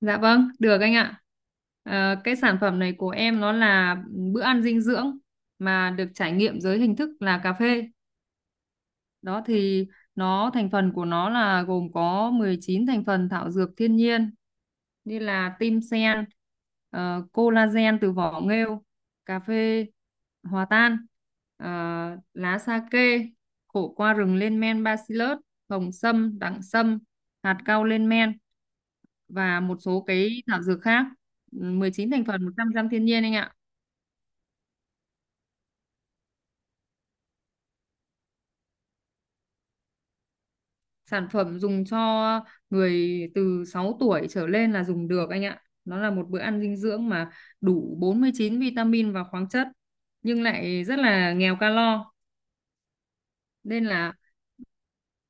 Dạ vâng, được anh ạ. Cái sản phẩm này của em nó là bữa ăn dinh dưỡng mà được trải nghiệm dưới hình thức là cà phê. Đó thì nó thành phần của nó là gồm có 19 thành phần thảo dược thiên nhiên như là tim sen, collagen từ vỏ nghêu, cà phê hòa tan, ờ, lá sa kê, khổ qua rừng lên men bacillus, hồng sâm, đẳng sâm, hạt cau lên men và một số cái thảo dược khác. 19 thành phần 100% thiên nhiên anh ạ. Sản phẩm dùng cho người từ 6 tuổi trở lên là dùng được anh ạ. Nó là một bữa ăn dinh dưỡng mà đủ 49 vitamin và khoáng chất nhưng lại rất là nghèo calo nên là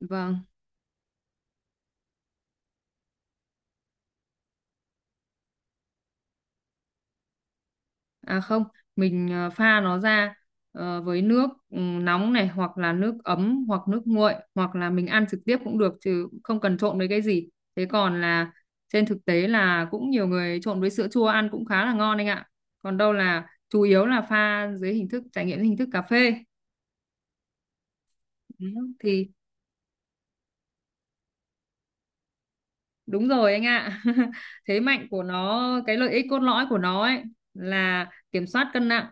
vâng. À không, mình pha nó ra với nước nóng này hoặc là nước ấm hoặc nước nguội hoặc là mình ăn trực tiếp cũng được chứ không cần trộn với cái gì. Thế còn là trên thực tế là cũng nhiều người trộn với sữa chua ăn cũng khá là ngon anh ạ. Còn đâu là chủ yếu là pha dưới hình thức trải nghiệm dưới hình thức cà phê. Đó. Thì đúng rồi anh ạ. Thế mạnh của nó, cái lợi ích cốt lõi của nó ấy là kiểm soát cân nặng,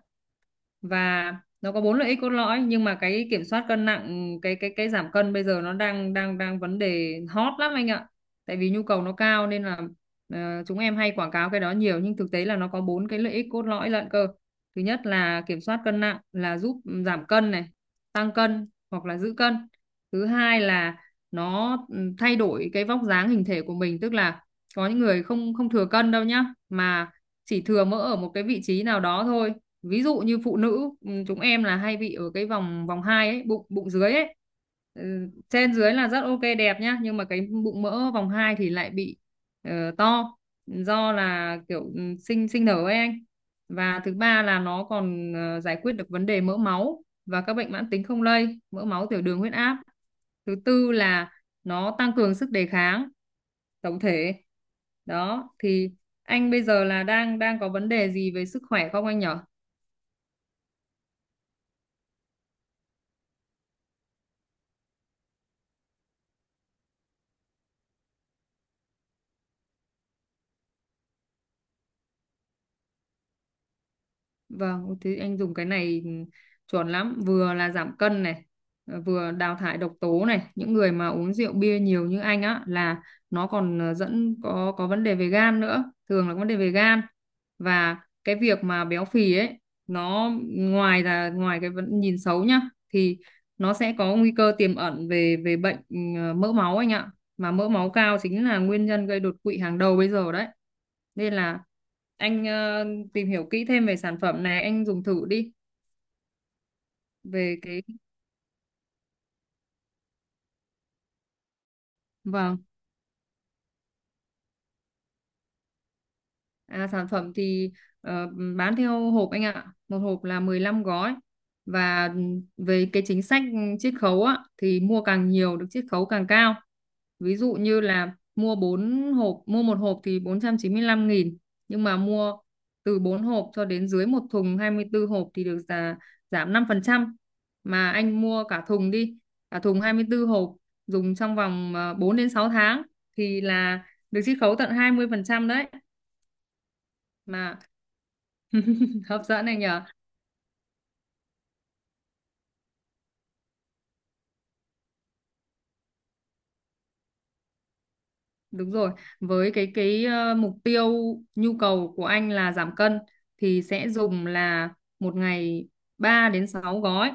và nó có bốn lợi ích cốt lõi. Nhưng mà cái kiểm soát cân nặng, cái giảm cân bây giờ nó đang đang đang vấn đề hot lắm anh ạ, tại vì nhu cầu nó cao nên là chúng em hay quảng cáo cái đó nhiều, nhưng thực tế là nó có bốn cái lợi ích cốt lõi lận cơ. Thứ nhất là kiểm soát cân nặng, là giúp giảm cân này, tăng cân hoặc là giữ cân. Thứ hai là nó thay đổi cái vóc dáng hình thể của mình, tức là có những người không không thừa cân đâu nhá, mà chỉ thừa mỡ ở một cái vị trí nào đó thôi, ví dụ như phụ nữ chúng em là hay bị ở cái vòng vòng hai ấy, bụng bụng dưới ấy. Trên dưới là rất ok đẹp nhá, nhưng mà cái bụng mỡ vòng hai thì lại bị to, do là kiểu sinh sinh nở ấy anh. Và thứ ba là nó còn giải quyết được vấn đề mỡ máu và các bệnh mãn tính không lây, mỡ máu, tiểu đường, huyết áp. Thứ tư là nó tăng cường sức đề kháng tổng thể. Đó thì anh bây giờ là đang đang có vấn đề gì về sức khỏe không anh nhỉ? Vâng, thế anh dùng cái này chuẩn lắm, vừa là giảm cân này, vừa đào thải độc tố này. Những người mà uống rượu bia nhiều như anh á là nó còn dẫn có vấn đề về gan nữa, thường là vấn đề về gan. Và cái việc mà béo phì ấy, nó ngoài là ngoài cái vấn nhìn xấu nhá, thì nó sẽ có nguy cơ tiềm ẩn về về bệnh mỡ máu anh ạ. Mà mỡ máu cao chính là nguyên nhân gây đột quỵ hàng đầu bây giờ đấy, nên là anh tìm hiểu kỹ thêm về sản phẩm này, anh dùng thử đi về cái và À, sản phẩm thì ờ, bán theo hộp anh ạ. Một hộp là 15 gói. Và về cái chính sách chiết khấu á, thì mua càng nhiều được chiết khấu càng cao. Ví dụ như là mua 4 hộp, mua một hộp thì 495.000. Nhưng mà mua từ 4 hộp cho đến dưới một thùng 24 hộp thì được giá, giảm 5%. Mà anh mua cả thùng đi, cả thùng 24 hộp dùng trong vòng 4 đến 6 tháng thì là được chiết khấu tận 20% đấy, mà hấp dẫn này nhỉ. Đúng rồi, với cái mục tiêu nhu cầu của anh là giảm cân thì sẽ dùng là một ngày 3 đến 6 gói.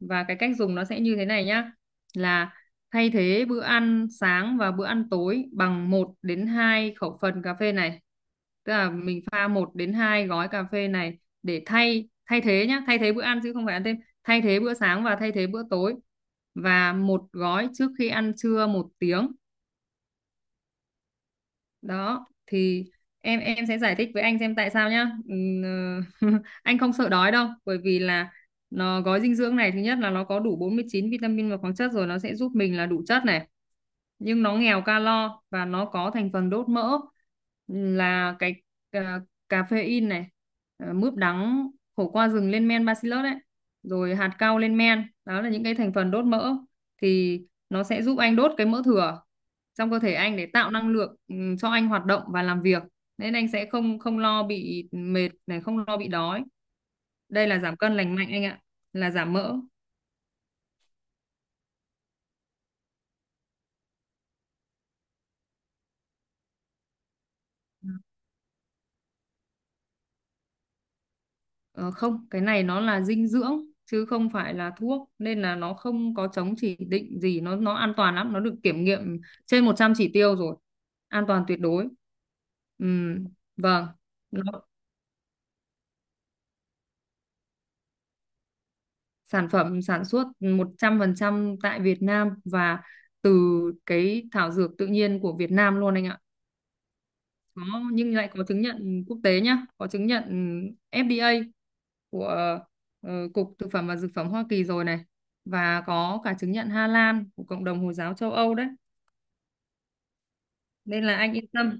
Và cái cách dùng nó sẽ như thế này nhá, là thay thế bữa ăn sáng và bữa ăn tối bằng một đến 2 khẩu phần cà phê này. Tức là mình pha một đến 2 gói cà phê này để thay thay thế nhá, thay thế bữa ăn chứ không phải ăn thêm, thay thế bữa sáng và thay thế bữa tối, và một gói trước khi ăn trưa 1 tiếng. Đó thì em sẽ giải thích với anh xem tại sao nhá. Anh không sợ đói đâu, bởi vì là nó gói dinh dưỡng này thứ nhất là nó có đủ 49 vitamin và khoáng chất rồi, nó sẽ giúp mình là đủ chất này, nhưng nó nghèo calo và nó có thành phần đốt mỡ là cái cà, caffeine này, mướp đắng, khổ qua rừng lên men bacillus đấy, rồi hạt cau lên men, đó là những cái thành phần đốt mỡ, thì nó sẽ giúp anh đốt cái mỡ thừa trong cơ thể anh để tạo năng lượng cho anh hoạt động và làm việc, nên anh sẽ không không lo bị mệt này, không lo bị đói. Đây là giảm cân lành mạnh anh ạ, là giảm mỡ. Ờ, không, cái này nó là dinh dưỡng chứ không phải là thuốc nên là nó không có chống chỉ định gì, nó an toàn lắm, nó được kiểm nghiệm trên 100 chỉ tiêu rồi. An toàn tuyệt đối. Ừm, vâng. Nó, sản phẩm sản xuất 100% tại Việt Nam và từ cái thảo dược tự nhiên của Việt Nam luôn anh ạ. có nhưng lại có chứng nhận quốc tế nhá, có chứng nhận FDA của Cục Thực phẩm và Dược phẩm Hoa Kỳ rồi này, và có cả chứng nhận Hà Lan của cộng đồng Hồi giáo châu Âu đấy, nên là anh yên tâm.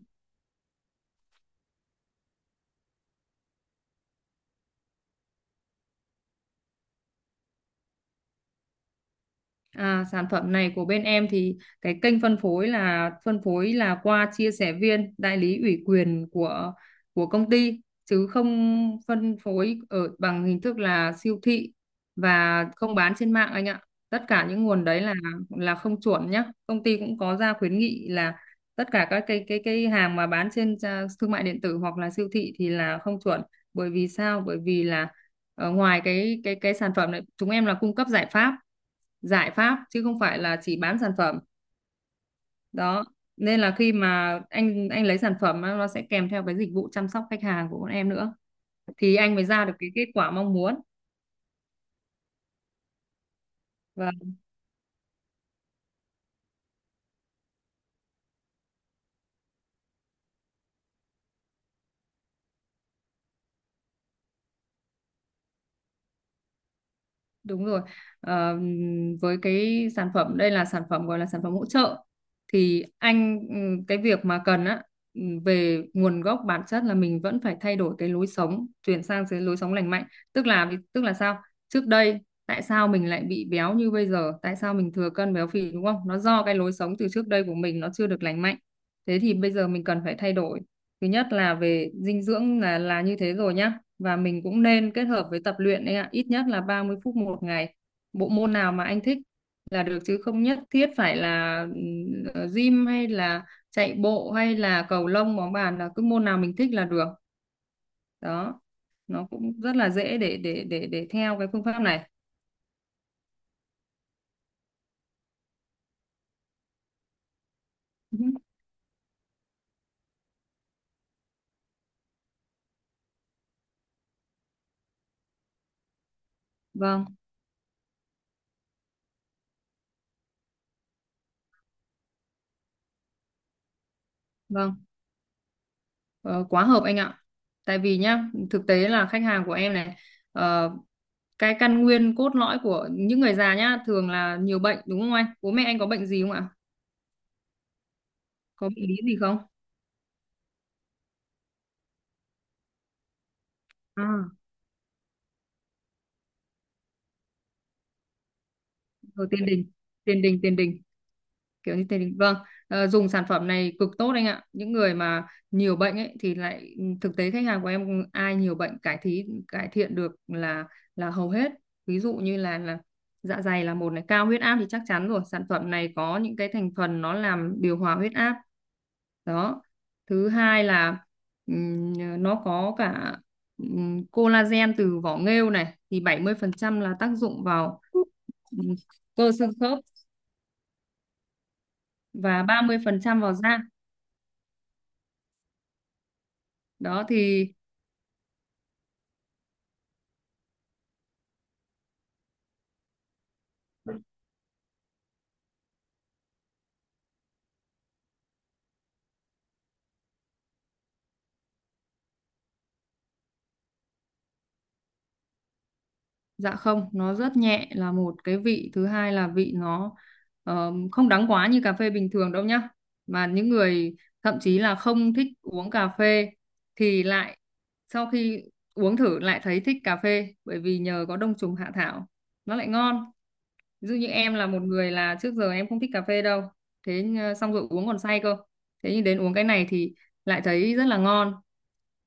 À, sản phẩm này của bên em thì cái kênh phân phối là qua chia sẻ viên đại lý ủy quyền của công ty chứ không phân phối ở bằng hình thức là siêu thị và không bán trên mạng anh ạ. Tất cả những nguồn đấy là không chuẩn nhá. Công ty cũng có ra khuyến nghị là tất cả các cái hàng mà bán trên thương mại điện tử hoặc là siêu thị thì là không chuẩn. Bởi vì sao? Bởi vì là, ngoài cái sản phẩm này, chúng em là cung cấp giải pháp, giải pháp chứ không phải là chỉ bán sản phẩm đó, nên là khi mà anh lấy sản phẩm á, nó sẽ kèm theo cái dịch vụ chăm sóc khách hàng của bọn em nữa, thì anh mới ra được cái kết quả mong muốn. Và. Đúng rồi. Ờ, với cái sản phẩm đây là sản phẩm gọi là sản phẩm hỗ trợ, thì anh cái việc mà cần á về nguồn gốc bản chất là mình vẫn phải thay đổi cái lối sống, chuyển sang cái lối sống lành mạnh. Tức là sao? Trước đây tại sao mình lại bị béo như bây giờ, tại sao mình thừa cân béo phì, đúng không? Nó do cái lối sống từ trước đây của mình nó chưa được lành mạnh. Thế thì bây giờ mình cần phải thay đổi. Thứ nhất là về dinh dưỡng là như thế rồi nhá, và mình cũng nên kết hợp với tập luyện đấy ạ, ít nhất là 30 phút một ngày. Bộ môn nào mà anh thích là được, chứ không nhất thiết phải là gym hay là chạy bộ hay là cầu lông bóng bàn, là cứ môn nào mình thích là được. Đó. Nó cũng rất là dễ để theo cái phương pháp này. Ừ, Vâng, vâng. Ờ, quá hợp anh ạ. Tại vì nhá, thực tế là khách hàng của em này, ờ, cái căn nguyên cốt lõi của những người già nhá thường là nhiều bệnh đúng không anh? Bố mẹ anh có bệnh gì không ạ? Có bị lý gì không? À, rồi tiền đình, tiền đình tiền đình, kiểu như tiền đình, vâng. Dùng sản phẩm này cực tốt anh ạ, những người mà nhiều bệnh ấy thì lại thực tế khách hàng của em ai nhiều bệnh cải thí cải thiện được là hầu hết, ví dụ như là dạ dày là một này, cao huyết áp thì chắc chắn rồi, sản phẩm này có những cái thành phần nó làm điều hòa huyết áp đó. Thứ hai là nó có cả collagen từ vỏ nghêu này, thì 70% là tác dụng vào ừ, cơ xương khớp, và 30% vào da. Đó thì dạ không, nó rất nhẹ là một cái vị, thứ hai là vị nó không đắng quá như cà phê bình thường đâu nhá. Mà những người thậm chí là không thích uống cà phê thì lại sau khi uống thử lại thấy thích cà phê, bởi vì nhờ có đông trùng hạ thảo nó lại ngon. Ví dụ như em là một người là trước giờ em không thích cà phê đâu, thế xong rồi uống còn say cơ, thế nhưng đến uống cái này thì lại thấy rất là ngon,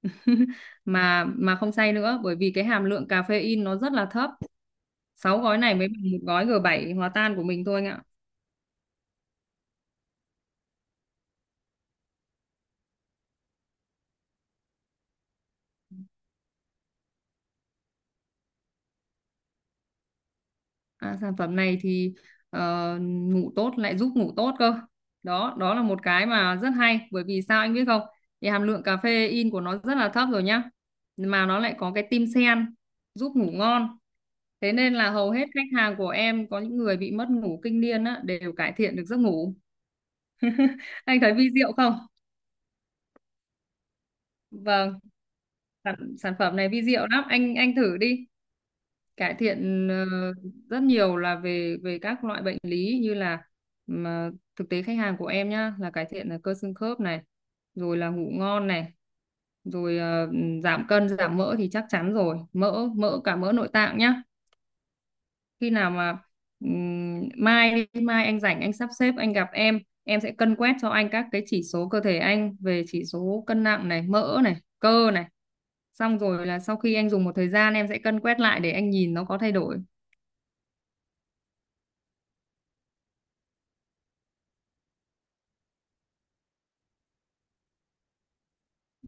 mà không say nữa, bởi vì cái hàm lượng caffeine nó rất là thấp, sáu gói này mới bằng một gói G7 hòa tan của mình thôi anh ạ. À, sản phẩm này thì ngủ tốt, lại giúp ngủ tốt cơ. Đó đó là một cái mà rất hay, bởi vì sao anh biết không? Thì hàm lượng caffeine của nó rất là thấp rồi nhá, mà nó lại có cái tim sen giúp ngủ ngon. Thế nên là hầu hết khách hàng của em có những người bị mất ngủ kinh niên á, đều cải thiện được giấc ngủ. Anh thấy vi diệu không? Vâng, sản phẩm này vi diệu lắm, anh thử đi. Cải thiện rất nhiều là về về các loại bệnh lý như là, mà thực tế khách hàng của em nhá, là cải thiện là cơ xương khớp này, rồi là ngủ ngon này, rồi giảm cân, giảm mỡ thì chắc chắn rồi, mỡ mỡ cả mỡ nội tạng nhá. Khi nào mà mai anh rảnh anh sắp xếp anh gặp em sẽ cân quét cho anh các cái chỉ số cơ thể anh về chỉ số cân nặng này, mỡ này, cơ này, xong rồi là sau khi anh dùng một thời gian em sẽ cân quét lại để anh nhìn nó có thay đổi.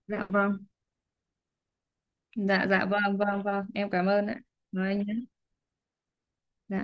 Dạ vâng, dạ dạ vâng vâng vâng, em cảm ơn ạ. Rồi anh nhé. Dạ.